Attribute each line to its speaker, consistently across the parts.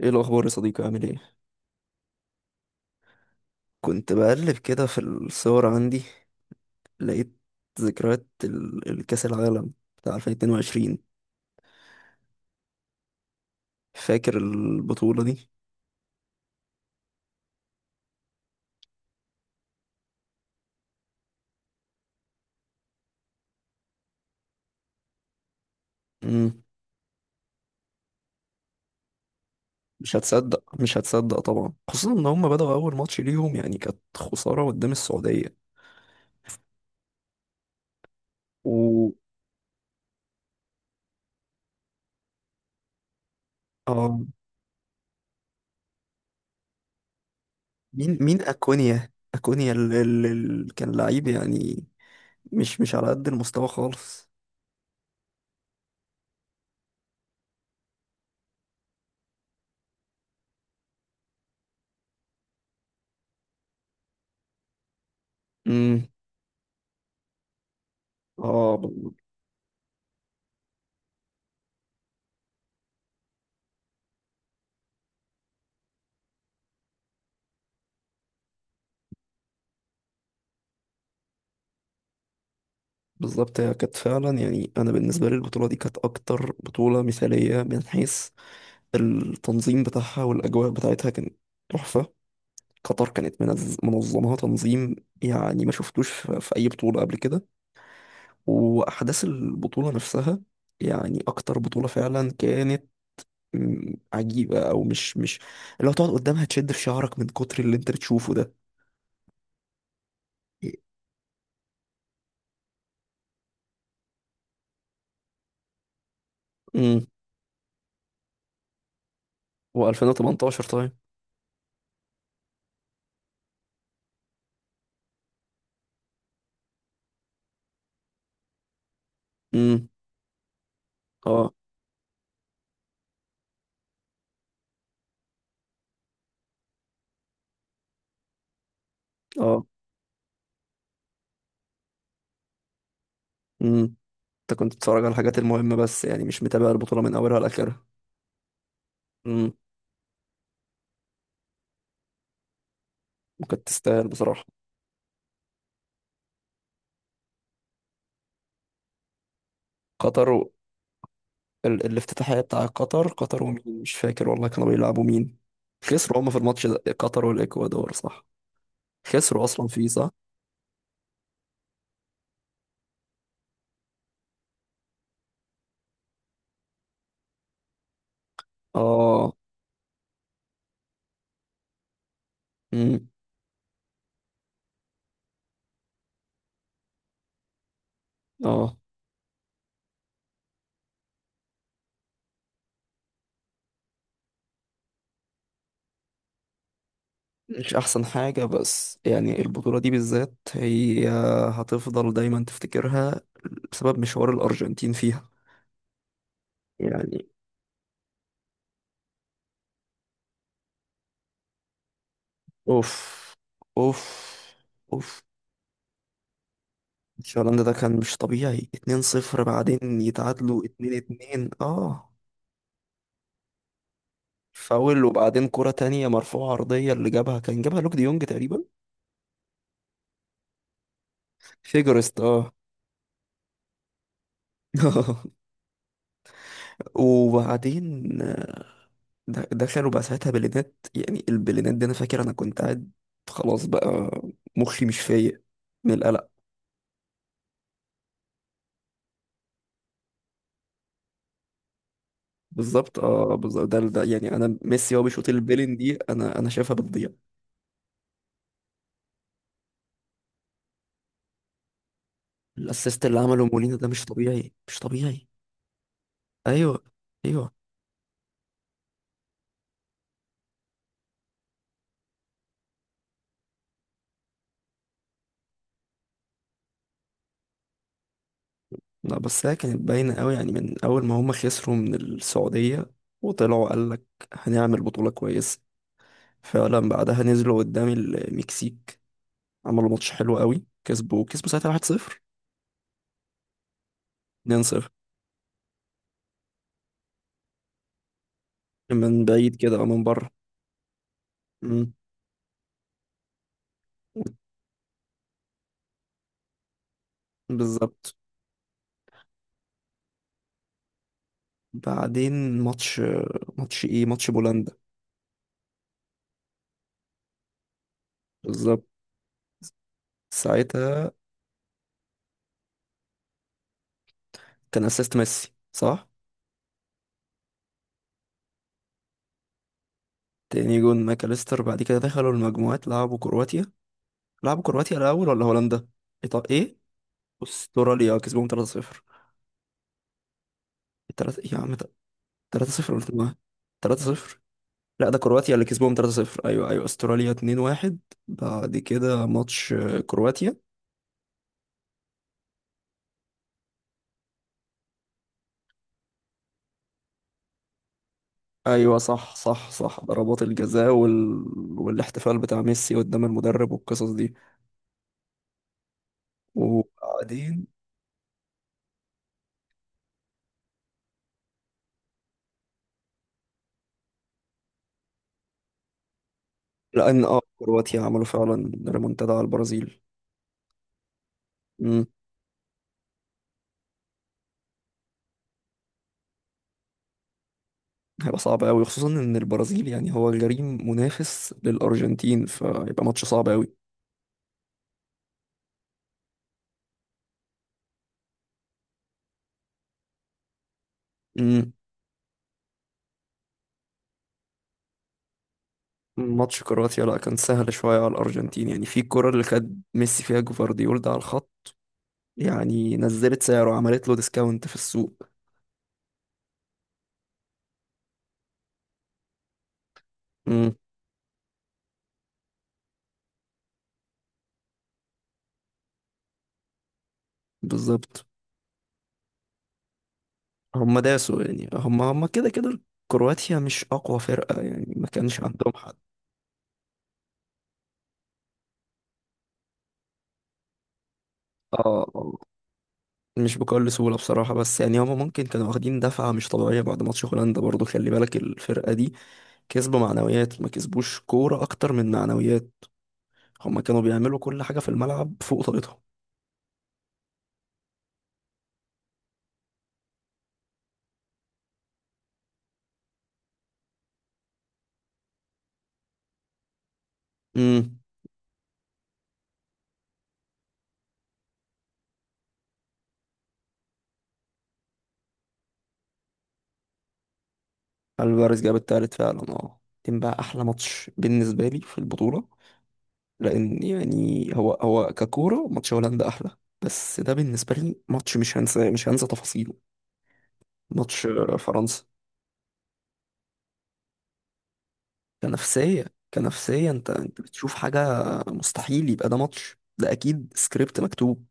Speaker 1: ايه الاخبار يا صديقي، عامل ايه؟ كنت بقلب كده في الصور عندي، لقيت ذكريات الكاس العالم بتاع 2022. فاكر البطولة دي؟ امم. مش هتصدق مش هتصدق طبعا، خصوصا ان هم بدأوا اول ماتش ليهم يعني كانت خسارة قدام السعودية. و اه مين، اكونيا اللي كان لعيب يعني، مش على قد المستوى خالص. امم. اه، بالظبط. هي كانت فعلا يعني انا بالنسبه لي البطوله دي كانت اكتر بطوله مثاليه من حيث التنظيم بتاعها والاجواء بتاعتها، كانت تحفه. قطر كانت منظمها تنظيم يعني ما شفتوش في اي بطوله قبل كده. واحداث البطوله نفسها يعني اكتر بطوله فعلا كانت عجيبه، او مش اللي هتقعد قدامها تشد في شعرك من كتر اللي انت بتشوفه ده. امم. و2018 طيب؟ امم. اه. اه، انت كنت بتتفرج على الحاجات المهمة بس، يعني مش متابع البطولة من أولها لآخرها. امم. وكانت تستاهل بصراحة. قطر و... الافتتاحية بتاع قطر، قطر ومين؟ مش فاكر والله، كانوا بيلعبوا مين؟ خسروا هما في الماتش ده، قطر والإكوادور، صح؟ خسروا أصلا فيه، صح؟ اه. امم. اه، مش أحسن حاجة، بس يعني البطولة دي بالذات هي هتفضل دايما تفتكرها بسبب مشوار الأرجنتين فيها يعني. أوف. أوف. أوف. هولندا ده كان مش طبيعي، 2-0 بعدين يتعادلوا 2-2، اه. فاول، وبعدين كرة تانية مرفوعة عرضية اللي جابها، كان جابها لوك دي يونج تقريبا. فيجرست، اه. وبعدين، دخلوا بقى ساعتها بلينات. يعني البلينات دي انا فاكر، انا كنت قاعد خلاص بقى، مخي مش فايق من القلق. بالظبط اه بالظبط، ده يعني. انا، ميسي هو بيشوط البلين دي، انا شايفها بتضيع. الاسيست اللي عمله مولينا ده مش طبيعي مش طبيعي. ايوه ايوه. لا بس هي كانت باينة قوي، يعني من أول ما هما خسروا من السعودية وطلعوا قالك هنعمل بطولة كويسة. فعلا بعدها نزلوا قدام المكسيك، عملوا ماتش حلو قوي، كسبوا ساعتها 1-0. 2-0. من بعيد كده أو من بره. مم. بالظبط. بعدين ماتش، ماتش إيه، ماتش بولندا. بالظبط ساعتها. كان أسيست ميسي، صح؟ تاني جون ماكاليستر. بعد كده دخلوا المجموعات، لعبوا كرواتيا. لعبوا كرواتيا الأول ولا هولندا؟ إيطاليا إيه، استراليا كسبهم 3-0. 3 يا عم، 3-0 قلت بقى. 3-0. لا ده كرواتيا اللي كسبهم 3-0. ايوه ايوه، استراليا 2-1. بعد كده ماتش كرواتيا. ايوه صح صح صح. ضربات الجزاء والاحتفال بتاع ميسي قدام المدرب والقصص دي. وبعدين، لان اه كرواتيا عملوا فعلا ريمونتادا على البرازيل. امم. هيبقى صعب قوي، خصوصا ان البرازيل يعني هو الجريم منافس للارجنتين، فهيبقى ماتش صعب قوي. ماتش كرواتيا لا كان سهل شوية على الأرجنتين، يعني في الكرة اللي خد ميسي فيها جفارديول ده على الخط. يعني نزلت سعره، عملت له ديسكاونت في السوق. امم. بالظبط. هم داسوا يعني، هم كده كده. كرواتيا مش أقوى فرقة يعني، ما كانش عندهم حد. اه. آه. مش بكل سهولة بصراحة، بس يعني هم ممكن كانوا واخدين دفعة مش طبيعية بعد ماتش هولندا برضو. خلي بالك الفرقة دي كسبوا معنويات ما كسبوش كورة، أكتر من معنويات. هم كانوا بيعملوا كل حاجة في الملعب فوق طاقتهم. امم. الفاريز جاب التالت فعلا اه، كان بقى احلى ماتش بالنسبه لي في البطوله، لان يعني هو هو ككوره ماتش هولندا احلى. بس ده بالنسبه لي ماتش مش هنسى مش هنسى تفاصيله. ماتش فرنسا، كنفسيه كنفسيه. انت بتشوف حاجه مستحيل، يبقى ده ماتش، ده اكيد سكريبت مكتوب.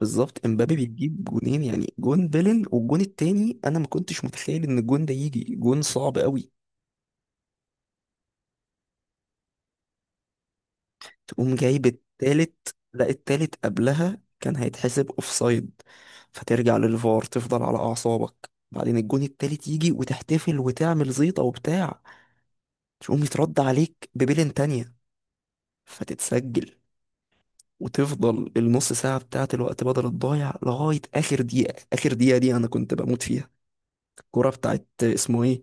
Speaker 1: بالظبط. امبابي بيجيب جونين، يعني جون بيلن والجون التاني انا ما كنتش متخيل ان الجون ده يجي. جون صعب قوي. تقوم جايب التالت. لا التالت قبلها كان هيتحسب اوفسايد، فترجع للفار، تفضل على اعصابك، بعدين الجون التالت يجي وتحتفل وتعمل زيطة وبتاع. تقوم يترد عليك ببيلين تانية فتتسجل، وتفضل النص ساعة بتاعة الوقت بدل الضايع لغاية آخر دقيقة. آخر دقيقة دي أنا كنت بموت فيها. الكرة بتاعت اسمه إيه؟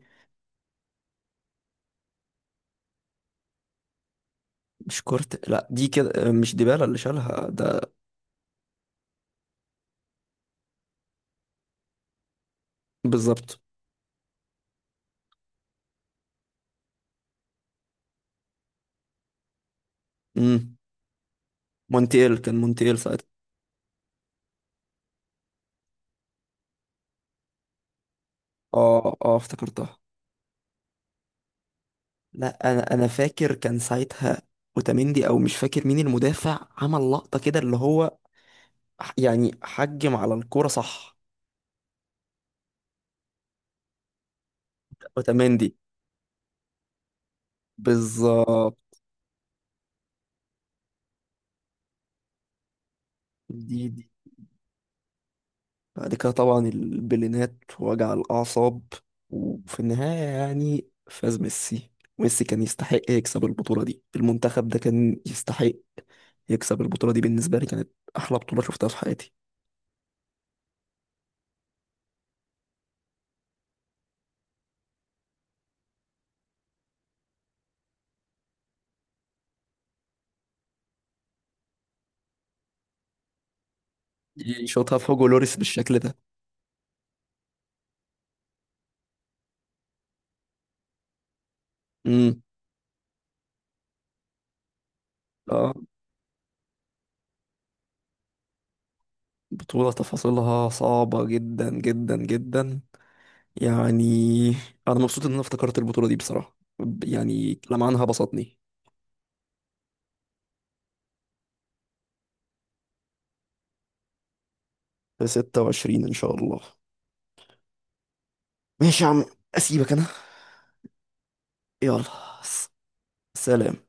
Speaker 1: مش كورت، لا دي كده مش ديبالا اللي شالها ده. بالظبط. امم. مونتيل، كان مونتيل ساعتها. اه اه افتكرتها. لا انا فاكر كان ساعتها اوتاميندي او مش فاكر مين المدافع، عمل لقطة كده اللي هو يعني حجم على الكورة، صح؟ اوتاميندي، بالظبط. دي بعد كده طبعا البلينات، وجع الأعصاب. وفي النهاية يعني فاز ميسي. ميسي كان يستحق يكسب البطولة دي، المنتخب ده كان يستحق يكسب البطولة دي. بالنسبة لي كانت أحلى بطولة شفتها في حياتي. يشوطها في هوجو لوريس بالشكل ده. امم. اه. بطولة تفاصيلها صعبة جدا جدا جدا، يعني أنا مبسوط إن أنا افتكرت البطولة دي بصراحة، يعني لمعانها بسطني. في 26 إن شاء الله. ماشي يا عم، أسيبك أنا، يلا. س- سلام.